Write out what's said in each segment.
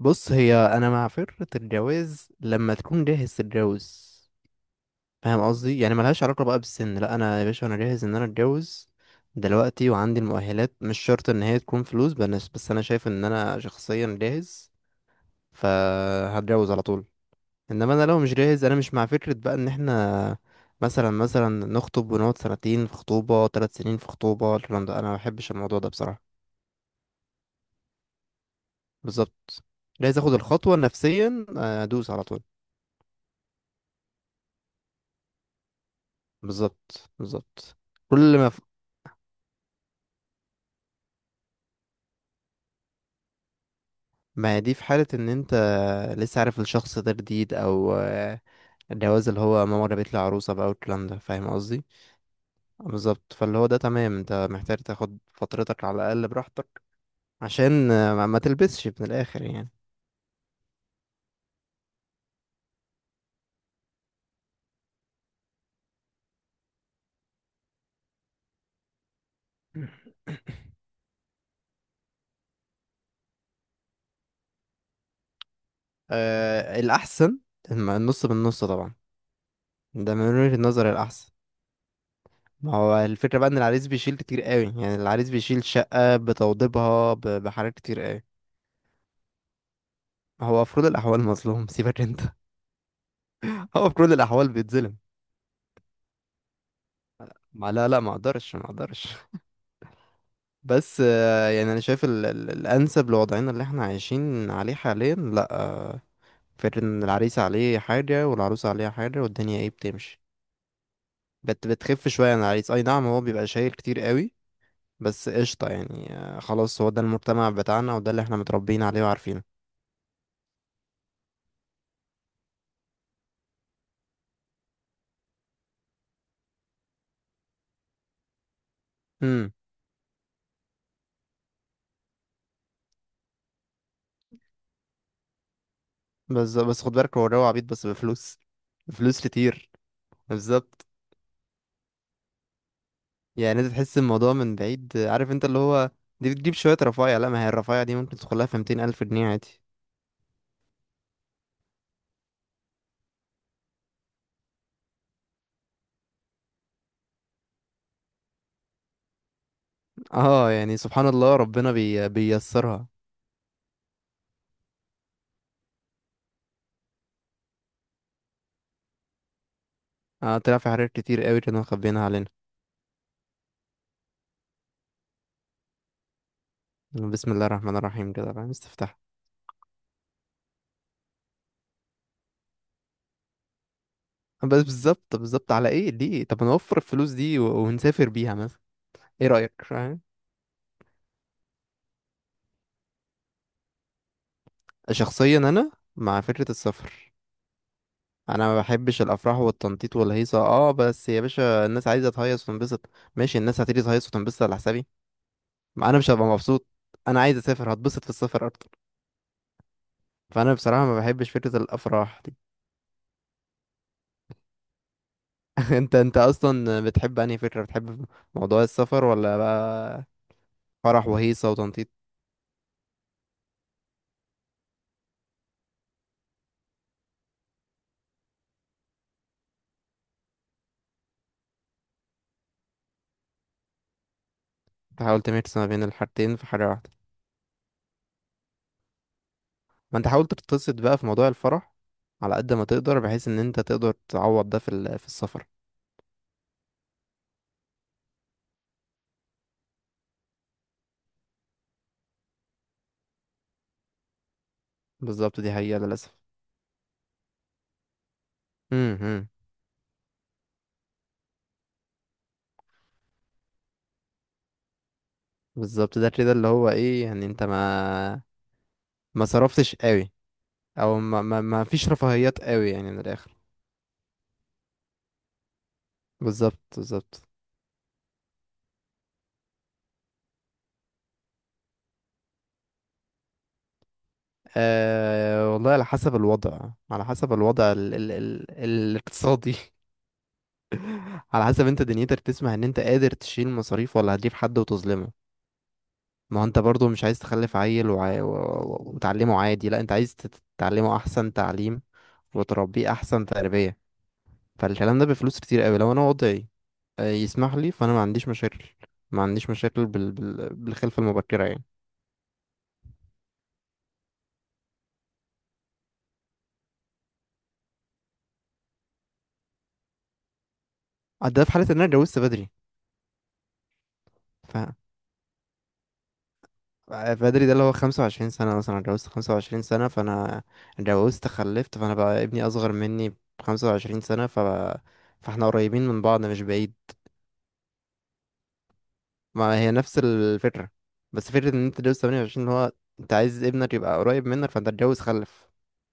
بص، هي انا مع فكرة الجواز لما تكون جاهز تتجوز. فاهم قصدي؟ يعني ملهاش علاقة بقى بالسن. لا، انا يا باشا انا جاهز ان انا اتجوز دلوقتي وعندي المؤهلات. مش شرط ان هي تكون فلوس. بس، بس انا شايف ان انا شخصيا جاهز فهتجوز على طول. انما انا لو مش جاهز انا مش مع فكرة بقى ان احنا مثلا نخطب ونقعد سنتين في خطوبة، ثلاث سنين في خطوبة. الكلام ده انا ما بحبش الموضوع ده بصراحة. بالظبط. جاهز اخد الخطوة نفسيا، ادوس على طول. بالظبط، بالظبط. كل ما ف... ما هي دي في حالة ان انت لسه عارف الشخص ده جديد او الجواز اللي هو ماما جابت لي عروسة بقى والكلام ده، فاهم قصدي؟ بالظبط، فاللي هو ده تمام. انت محتاج تاخد فترتك على الاقل براحتك عشان ما تلبسش من الاخر يعني. آه، الأحسن، النص بالنص طبعا. ده من وجهة النظر الأحسن. ما هو الفكرة بقى إن العريس بيشيل كتير قوي، يعني العريس بيشيل شقة بتوضيبها بحاجات كتير قوي. هو في كل الأحوال مظلوم. سيبك أنت. هو في كل الاحوال بيتظلم. ما لا، لا، ما اقدرش، ما اقدرش. بس يعني انا شايف ال ال الانسب لوضعنا اللي احنا عايشين عليه حاليا لا فكرة ان العريس عليه حاجه والعروس عليها حاجه والدنيا ايه بتمشي، بتخف شويه عن العريس. اي نعم، هو بيبقى شايل كتير قوي، بس قشطه يعني. خلاص، هو ده المجتمع بتاعنا وده اللي احنا متربيين عليه وعارفينه. امم. بس خد بالك، هو جو عبيط بس بفلوس. بفلوس كتير. بالظبط. يعني انت تحس الموضوع من بعيد، عارف انت اللي هو دي بتجيب شوية رفايع؟ لا، ما هي الرفايع دي ممكن تدخلها في 200 ألف جنيه عادي. اه، يعني سبحان الله ربنا بيسرها. اه، طلع في حاجات كتير قوي كانوا مخبيينها علينا. بسم الله الرحمن الرحيم كده، فاهم؟ استفتح. بس بالظبط، بالظبط. على ايه ليه؟ طب نوفر الفلوس دي ونسافر بيها مثلا. ايه رأيك، فاهم؟ شخصيا انا مع فكرة السفر. انا ما بحبش الافراح والتنطيط والهيصه، اه. بس يا باشا، الناس عايزه تهيص وتنبسط. ماشي، الناس هتيجي تهيص وتنبسط على حسابي. ما انا مش هبقى مبسوط. انا عايز اسافر، هتبسط في السفر اكتر. فانا بصراحه ما بحبش فكره الافراح دي. انت اصلا بتحب انهي فكره؟ بتحب موضوع السفر ولا بقى فرح وهيصه وتنطيط؟ تحاول تميكس ما بين الحاجتين في حاجه واحده. ما انت حاول تتبسط بقى في موضوع الفرح على قد ما تقدر، بحيث ان انت تقدر تعوض ده في في السفر. بالظبط، دي حقيقه للاسف. امم. بالظبط، ده كده اللي هو ايه يعني، انت ما صرفتش قوي، او ما فيش رفاهيات قوي يعني، من الاخر. بالظبط، بالظبط. أه والله، على حسب الوضع، على حسب الوضع ال الاقتصادي. على حسب انت دنيتك تسمح ان انت قادر تشيل مصاريف، ولا هتجيب حد وتظلمه. ما هو انت برضو مش عايز تخلف عيل وتعلمه عادي. لا، انت عايز تعلمه احسن تعليم وتربيه احسن تربية. فالكلام ده بفلوس كتير قوي. لو انا وضعي يسمح لي فانا ما عنديش مشاكل. ما عنديش مشاكل بالخلفة المبكرة يعني. ده في حالة ان انا اتجوزت بدري. بدري ده اللي هو خمسة وعشرين سنة مثلا، أنا اتجوزت خمسة وعشرين سنة فأنا اتجوزت خلفت، فأنا بقى ابني أصغر مني بخمسة وعشرين سنة، فاحنا قريبين من بعض، مش بعيد. ما هي نفس الفكرة، بس فكرة إن أنت تتجوز تمانية وعشرين، اللي هو أنت عايز ابنك يبقى قريب منك فأنت اتجوز خلف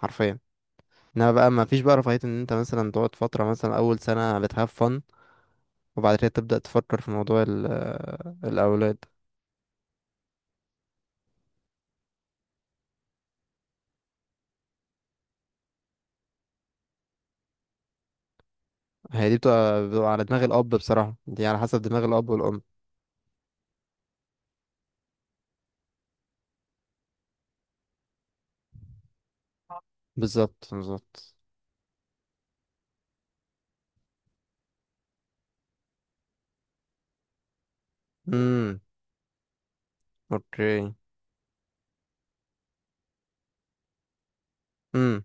حرفيا. انما بقى ما فيش بقى رفاهية ان انت مثلا تقعد فترة، مثلا اول سنة بتهاف فن، وبعد كده تبدأ تفكر في موضوع الاولاد. هي دي بتبقى على دماغ الاب بصراحة، دي على حسب دماغ الاب والام. بالظبط، بالظبط. امم. اوكي. امم.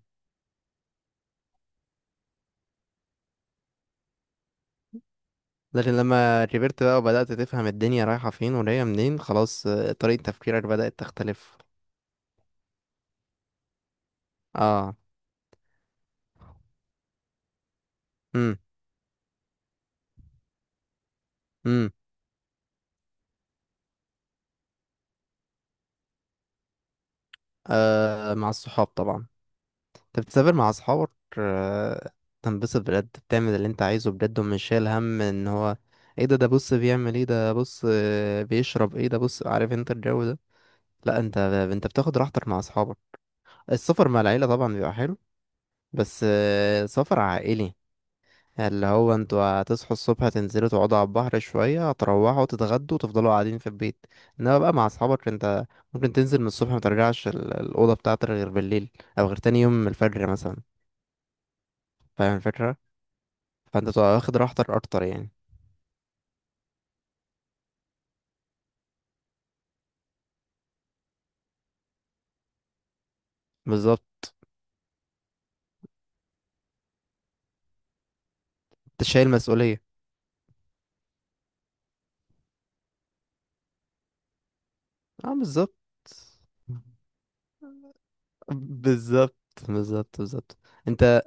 لكن لما كبرت بقى وبدأت تفهم الدنيا رايحة فين وجاية منين، خلاص طريقة تفكيرك بدأت تختلف. اه. امم. امم. آه، مع الصحاب طبعا. انت بتسافر مع اصحابك، آه، تنبسط بجد، بتعمل اللي انت عايزه بجد، ومش شايل هم ان هو ايه ده؟ ده بص بيعمل ايه؟ ده بص بيشرب ايه؟ ده بص، عارف انت الجو ده. لا، انت بتاخد راحتك مع اصحابك. السفر مع العيلة طبعا بيبقى حلو، بس سفر عائلي اللي هو انتوا هتصحوا الصبح، تنزلوا تقعدوا على البحر شوية، هتروحوا تتغدوا، وتفضلوا قاعدين في البيت. انما بقى مع اصحابك انت ممكن تنزل من الصبح مترجعش الأوضة بتاعتك غير بالليل، او غير تاني يوم من الفجر مثلا. فاهم الفكرة؟ فانت بتبقى واخد راحتك اكتر يعني. بالظبط. انت شايل مسؤولية. اه بالظبط، بالظبط، بالظبط، بالظبط. انت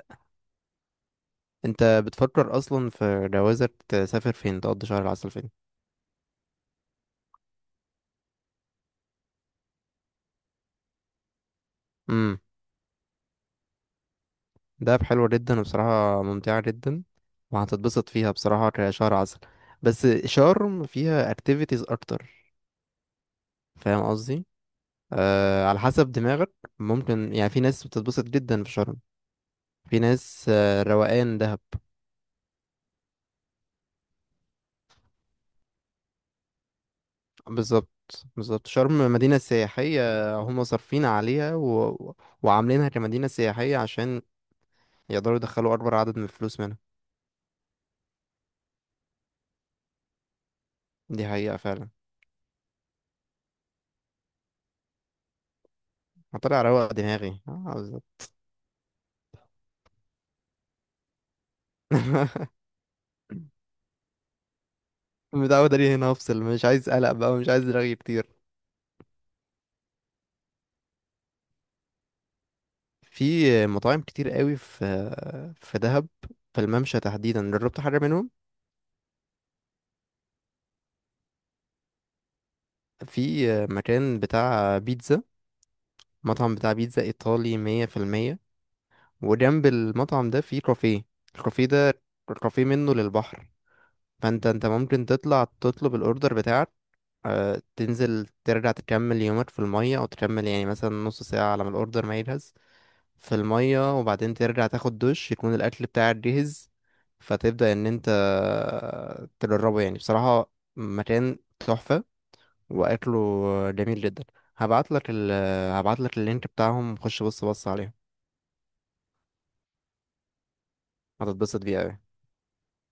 انت بتفكر اصلا في جوازك تسافر فين تقضي شهر العسل؟ فين؟ دهب حلوة جدا وبصراحة ممتعة جدا، وهتتبسط فيها بصراحة كشهر عسل. بس شرم فيها activities أكتر، فاهم قصدي؟ آه، على حسب دماغك. ممكن يعني في ناس بتتبسط جدا في شرم، في ناس روقان دهب. بالظبط، بالظبط، شرم مدينة سياحية. هم صارفين عليها وعاملينها كمدينة سياحية عشان يقدروا يدخلوا أكبر عدد من الفلوس منها. دي حقيقة فعلا. هطلع روق دماغي، آه بالظبط. متعود عليه هنا، افصل، مش عايز قلق بقى، ومش عايز رغي كتير. في مطاعم كتير قوي، في دهب، في الممشى تحديدا، جربت حاجة منهم؟ في مكان بتاع بيتزا، مطعم بتاع بيتزا ايطالي مية في المية، وجنب المطعم ده في كافيه. الكافيه ده كافيه منه للبحر، فانت ممكن تطلع تطلب الاوردر بتاعك، تنزل ترجع تكمل يومك في المية، او تكمل يعني مثلا نص ساعة على ما الاوردر ما يجهز، في المية، وبعدين ترجع تاخد دش يكون الأكل بتاعك جاهز. فتبدأ إن أنت تجربه. يعني بصراحة مكان تحفة، وأكله جميل جدا. هبعتلك ال هبعتلك اللينك بتاعهم، خش بص، بص عليهم. هتتبسط بيه أوي.